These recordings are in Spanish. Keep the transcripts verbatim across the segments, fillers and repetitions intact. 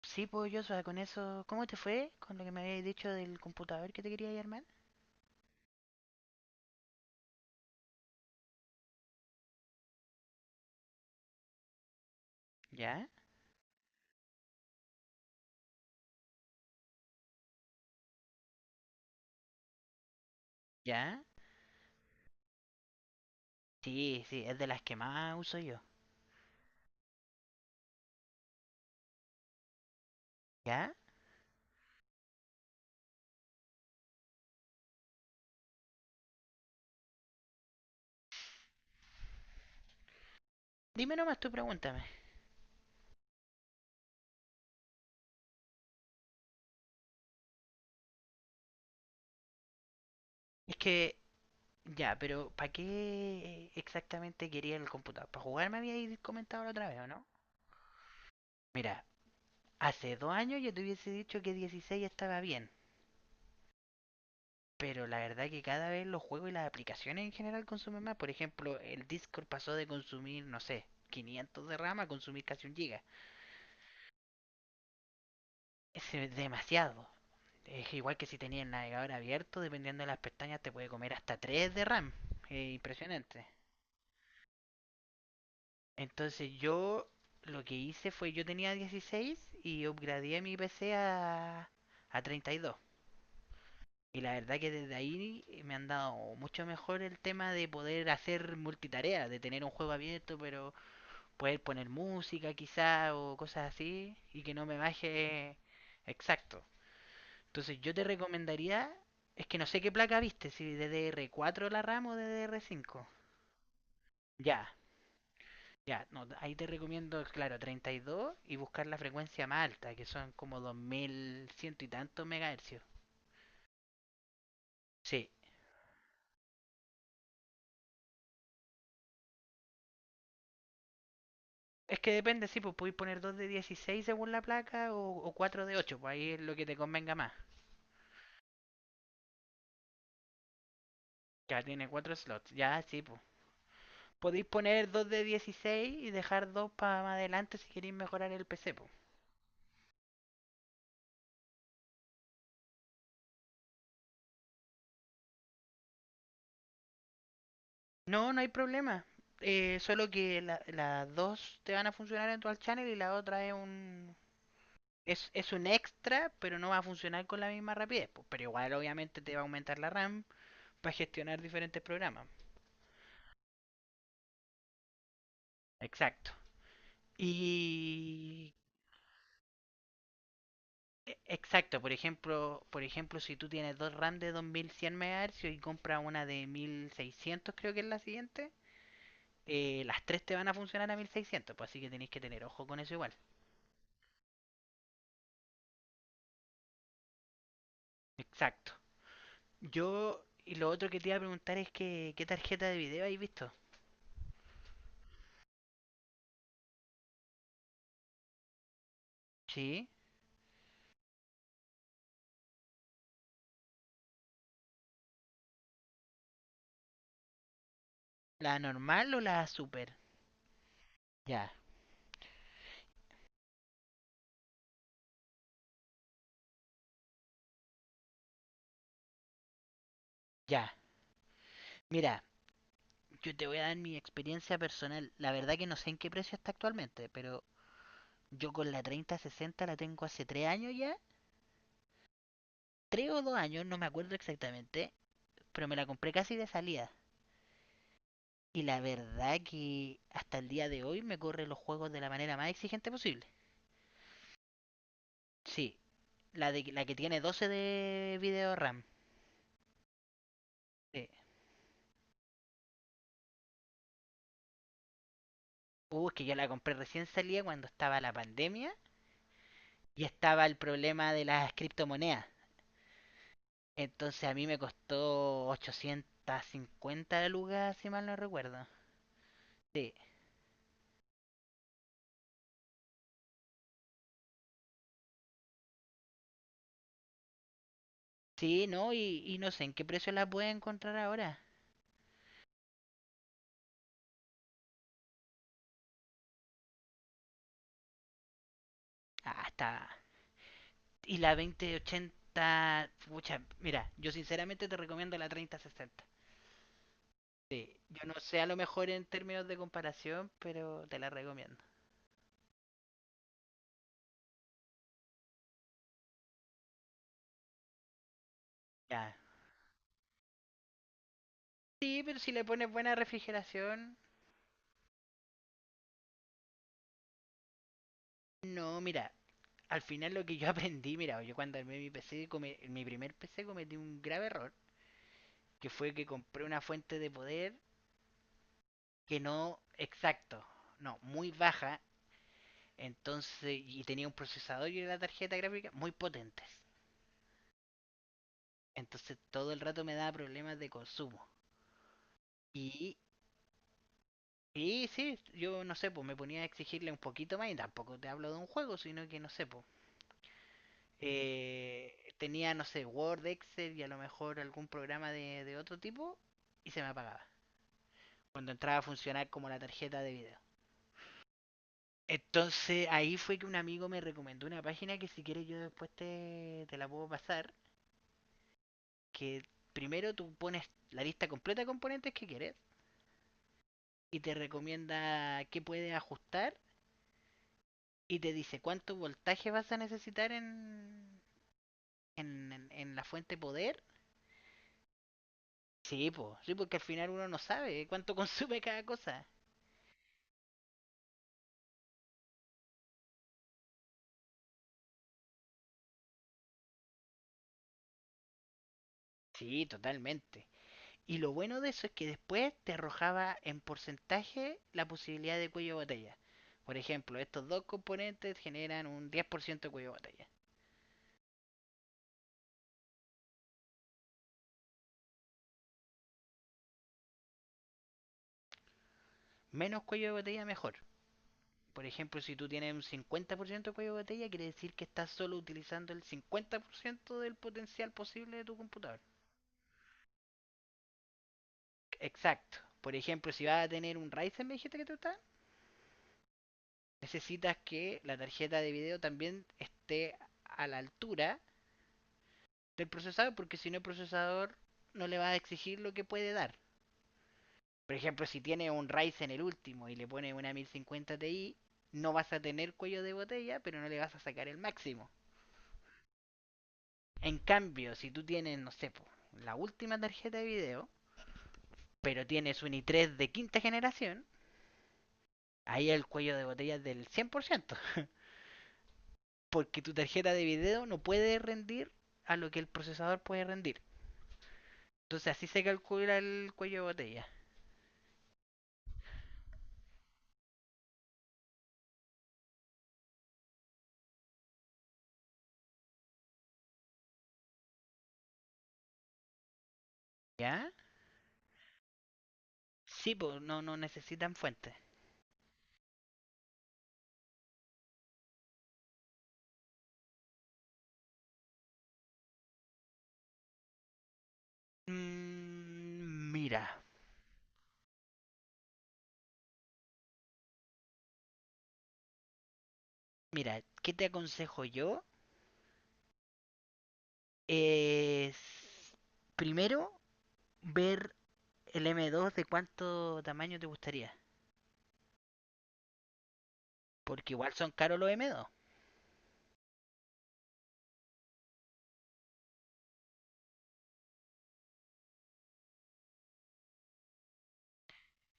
Sí, pues yo, o sea, con eso, ¿cómo te fue con lo que me habías dicho del computador que te quería armar? ¿Ya? ¿Ya? Sí, sí, es de las que más uso yo. ¿Ya? Dime nomás tú, pregúntame. Es que, ya, pero ¿para qué exactamente quería el computador? ¿Para jugar me habías comentado la otra vez, o no? Mira, hace dos años yo te hubiese dicho que dieciséis estaba bien. Pero la verdad que cada vez los juegos y las aplicaciones en general consumen más. Por ejemplo, el Discord pasó de consumir, no sé, quinientos de RAM a consumir casi un giga. Es demasiado. Es igual que si tenías el navegador abierto, dependiendo de las pestañas, te puede comer hasta tres de RAM. Es impresionante. Entonces yo lo que hice fue, yo tenía dieciséis y upgradeé mi P C a, a treinta y dos. Y dos. Y la verdad que desde ahí me han dado mucho mejor el tema de poder hacer multitarea, de tener un juego abierto, pero poder poner música quizá o cosas así y que no me baje, exacto. Entonces yo te recomendaría, es que no sé qué placa viste, si D D R cuatro la RAM o D D R cinco. Ya, ya, no, ahí te recomiendo, claro, treinta y dos y dos y buscar la frecuencia más alta, que son como dos mil cien y tantos megahercios. Sí, es que depende, sí, pues podéis poner dos de dieciséis según la placa o, o cuatro de ocho, pues ahí es lo que te convenga más. Ya tiene cuatro slots, ya, sí, pues. Podéis poner dos de dieciséis y dejar dos para más adelante si queréis mejorar el P C, pues. No, no hay problema. Eh, solo que la- las dos te van a funcionar en Dual Channel y la otra es un, es, es un extra, pero no va a funcionar con la misma rapidez, po. Pero igual obviamente te va a aumentar la RAM para gestionar diferentes programas. Exacto. Y e- exacto, por ejemplo, por ejemplo, si tú tienes dos RAM de dos mil cien MHz y compras una de mil seiscientos, creo que es la siguiente, eh, las tres te van a funcionar a mil seiscientos, pues así que tenéis que tener ojo con eso igual. Exacto. Yo, y lo otro que te iba a preguntar es que, ¿qué tarjeta de video habéis visto? ¿Sí? ¿La normal o la super? Ya, ya. Mira, yo te voy a dar mi experiencia personal. La verdad que no sé en qué precio está actualmente, pero yo con la treinta sesenta la tengo hace tres años ya. Tres o dos años, no me acuerdo exactamente, pero me la compré casi de salida. Y la verdad que hasta el día de hoy me corre los juegos de la manera más exigente posible. Sí, la, de, la que tiene doce de video RAM. Sí. Uh, que yo la compré recién salía cuando estaba la pandemia y estaba el problema de las criptomonedas. Entonces a mí me costó ochocientas cincuenta lucas, si mal no recuerdo. Sí, sí, no, y, y no sé en qué precio la puede encontrar ahora. Ah, está. Y la veinte ochenta, pucha, mira, yo sinceramente te recomiendo la treinta sesenta. Sí, yo no sé, a lo mejor en términos de comparación, pero te la recomiendo. Ya. Sí, pero si le pones buena refrigeración, no, mira, al final lo que yo aprendí, mira, yo cuando armé mi P C, come- mi primer P C cometí un grave error, que fue que compré una fuente de poder que no, exacto, no, muy baja, entonces, y tenía un procesador y una tarjeta gráfica muy potentes. Entonces todo el rato me daba problemas de consumo. Y, y sí, yo no sé, pues me ponía a exigirle un poquito más, y tampoco te hablo de un juego, sino que no sé, pues, eh, tenía, no sé, Word, Excel y a lo mejor algún programa de, de otro tipo y se me apagaba. Cuando entraba a funcionar como la tarjeta de video. Entonces ahí fue que un amigo me recomendó una página que si quieres yo después te, te la puedo pasar, que primero tú pones la lista completa de componentes que quieres y te recomienda qué puedes ajustar y te dice cuánto voltaje vas a necesitar en, en, en- en la fuente poder. Sí, po, sí, porque al final uno no sabe cuánto consume cada cosa. Sí, totalmente. Y lo bueno de eso es que después te arrojaba en porcentaje la posibilidad de cuello de botella. Por ejemplo, estos dos componentes generan un diez por ciento de cuello de botella. Menos cuello de botella, mejor. Por ejemplo, si tú tienes un cincuenta por ciento de cuello de botella, quiere decir que estás solo utilizando el cincuenta por ciento del potencial posible de tu computador. Exacto. Por ejemplo, si vas a tener un Ryzen, me dijiste que te gusta, necesitas que la tarjeta de video también esté a la altura del procesador, porque si no el procesador no le va a exigir lo que puede dar. Por ejemplo, si tiene un Ryzen el último y le pone una mil cincuenta Ti, no vas a tener cuello de botella, pero no le vas a sacar el máximo. En cambio, si tú tienes, no sé, po, la última tarjeta de video, pero tienes un i tres de quinta generación, ahí el cuello de botella es del cien por ciento, porque tu tarjeta de video no puede rendir a lo que el procesador puede rendir. Entonces así se calcula el cuello de botella, ¿ya? Sí, pues no, no necesitan fuentes. Mm, mira, mira, ¿qué te aconsejo yo? Es primero ver el M dos de cuánto tamaño te gustaría. Porque igual son caros los M dos.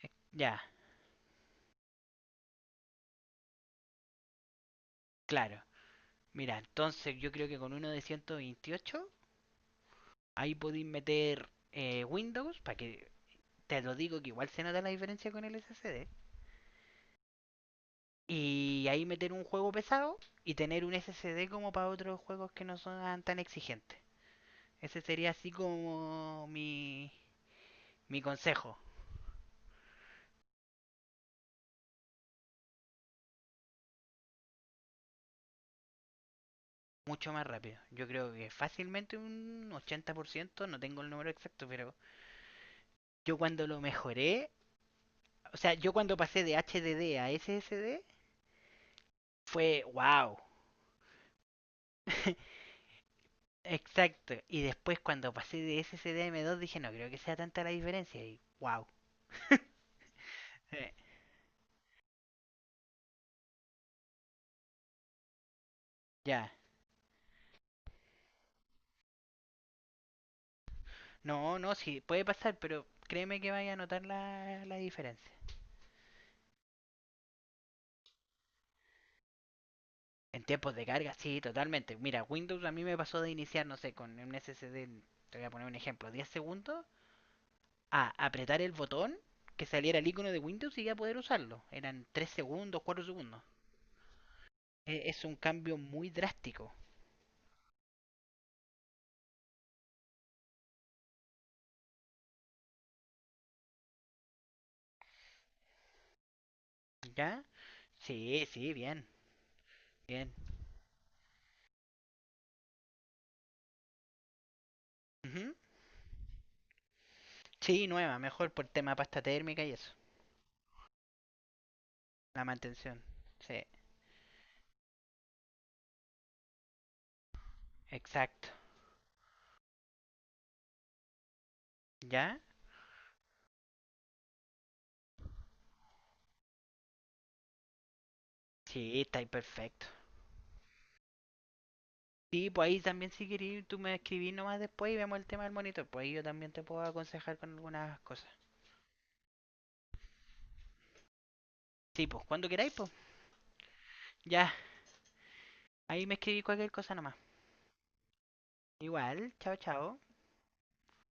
Eh, Ya, claro. Mira, entonces yo creo que con uno de ciento veintiocho ahí podéis meter eh, Windows, para que te lo digo que igual se nota la diferencia con el S S D. Y ahí meter un juego pesado y tener un S S D como para otros juegos que no son tan exigentes. Ese sería así como mi, mi consejo. Mucho más rápido. Yo creo que fácilmente un ochenta por ciento, no tengo el número exacto, pero yo cuando lo mejoré, o sea, yo cuando pasé de H D D a S S D, fue wow. Exacto. Y después cuando pasé de S S D a M dos dije, no creo que sea tanta la diferencia. Y wow. Ya. No, no, sí, puede pasar, pero créeme que vaya a notar la, la diferencia. En tiempos de carga, sí, totalmente. Mira, Windows a mí me pasó de iniciar, no sé, con un S S D, te voy a poner un ejemplo, diez segundos, a apretar el botón que saliera el icono de Windows y ya poder usarlo. Eran tres segundos, cuatro segundos. E- Es un cambio muy drástico. ¿Ya? Sí, sí, bien, bien. Ujú. Sí, nueva, mejor por tema pasta térmica y eso. La mantención. Sí, exacto. ¿Ya? Sí, está ahí perfecto. Sí, pues ahí también si querís, tú me escribís nomás después y vemos el tema del monitor. Pues ahí yo también te puedo aconsejar con algunas cosas. Sí, pues cuando queráis, pues ya. Ahí me escribís cualquier cosa nomás. Igual, chao, chao.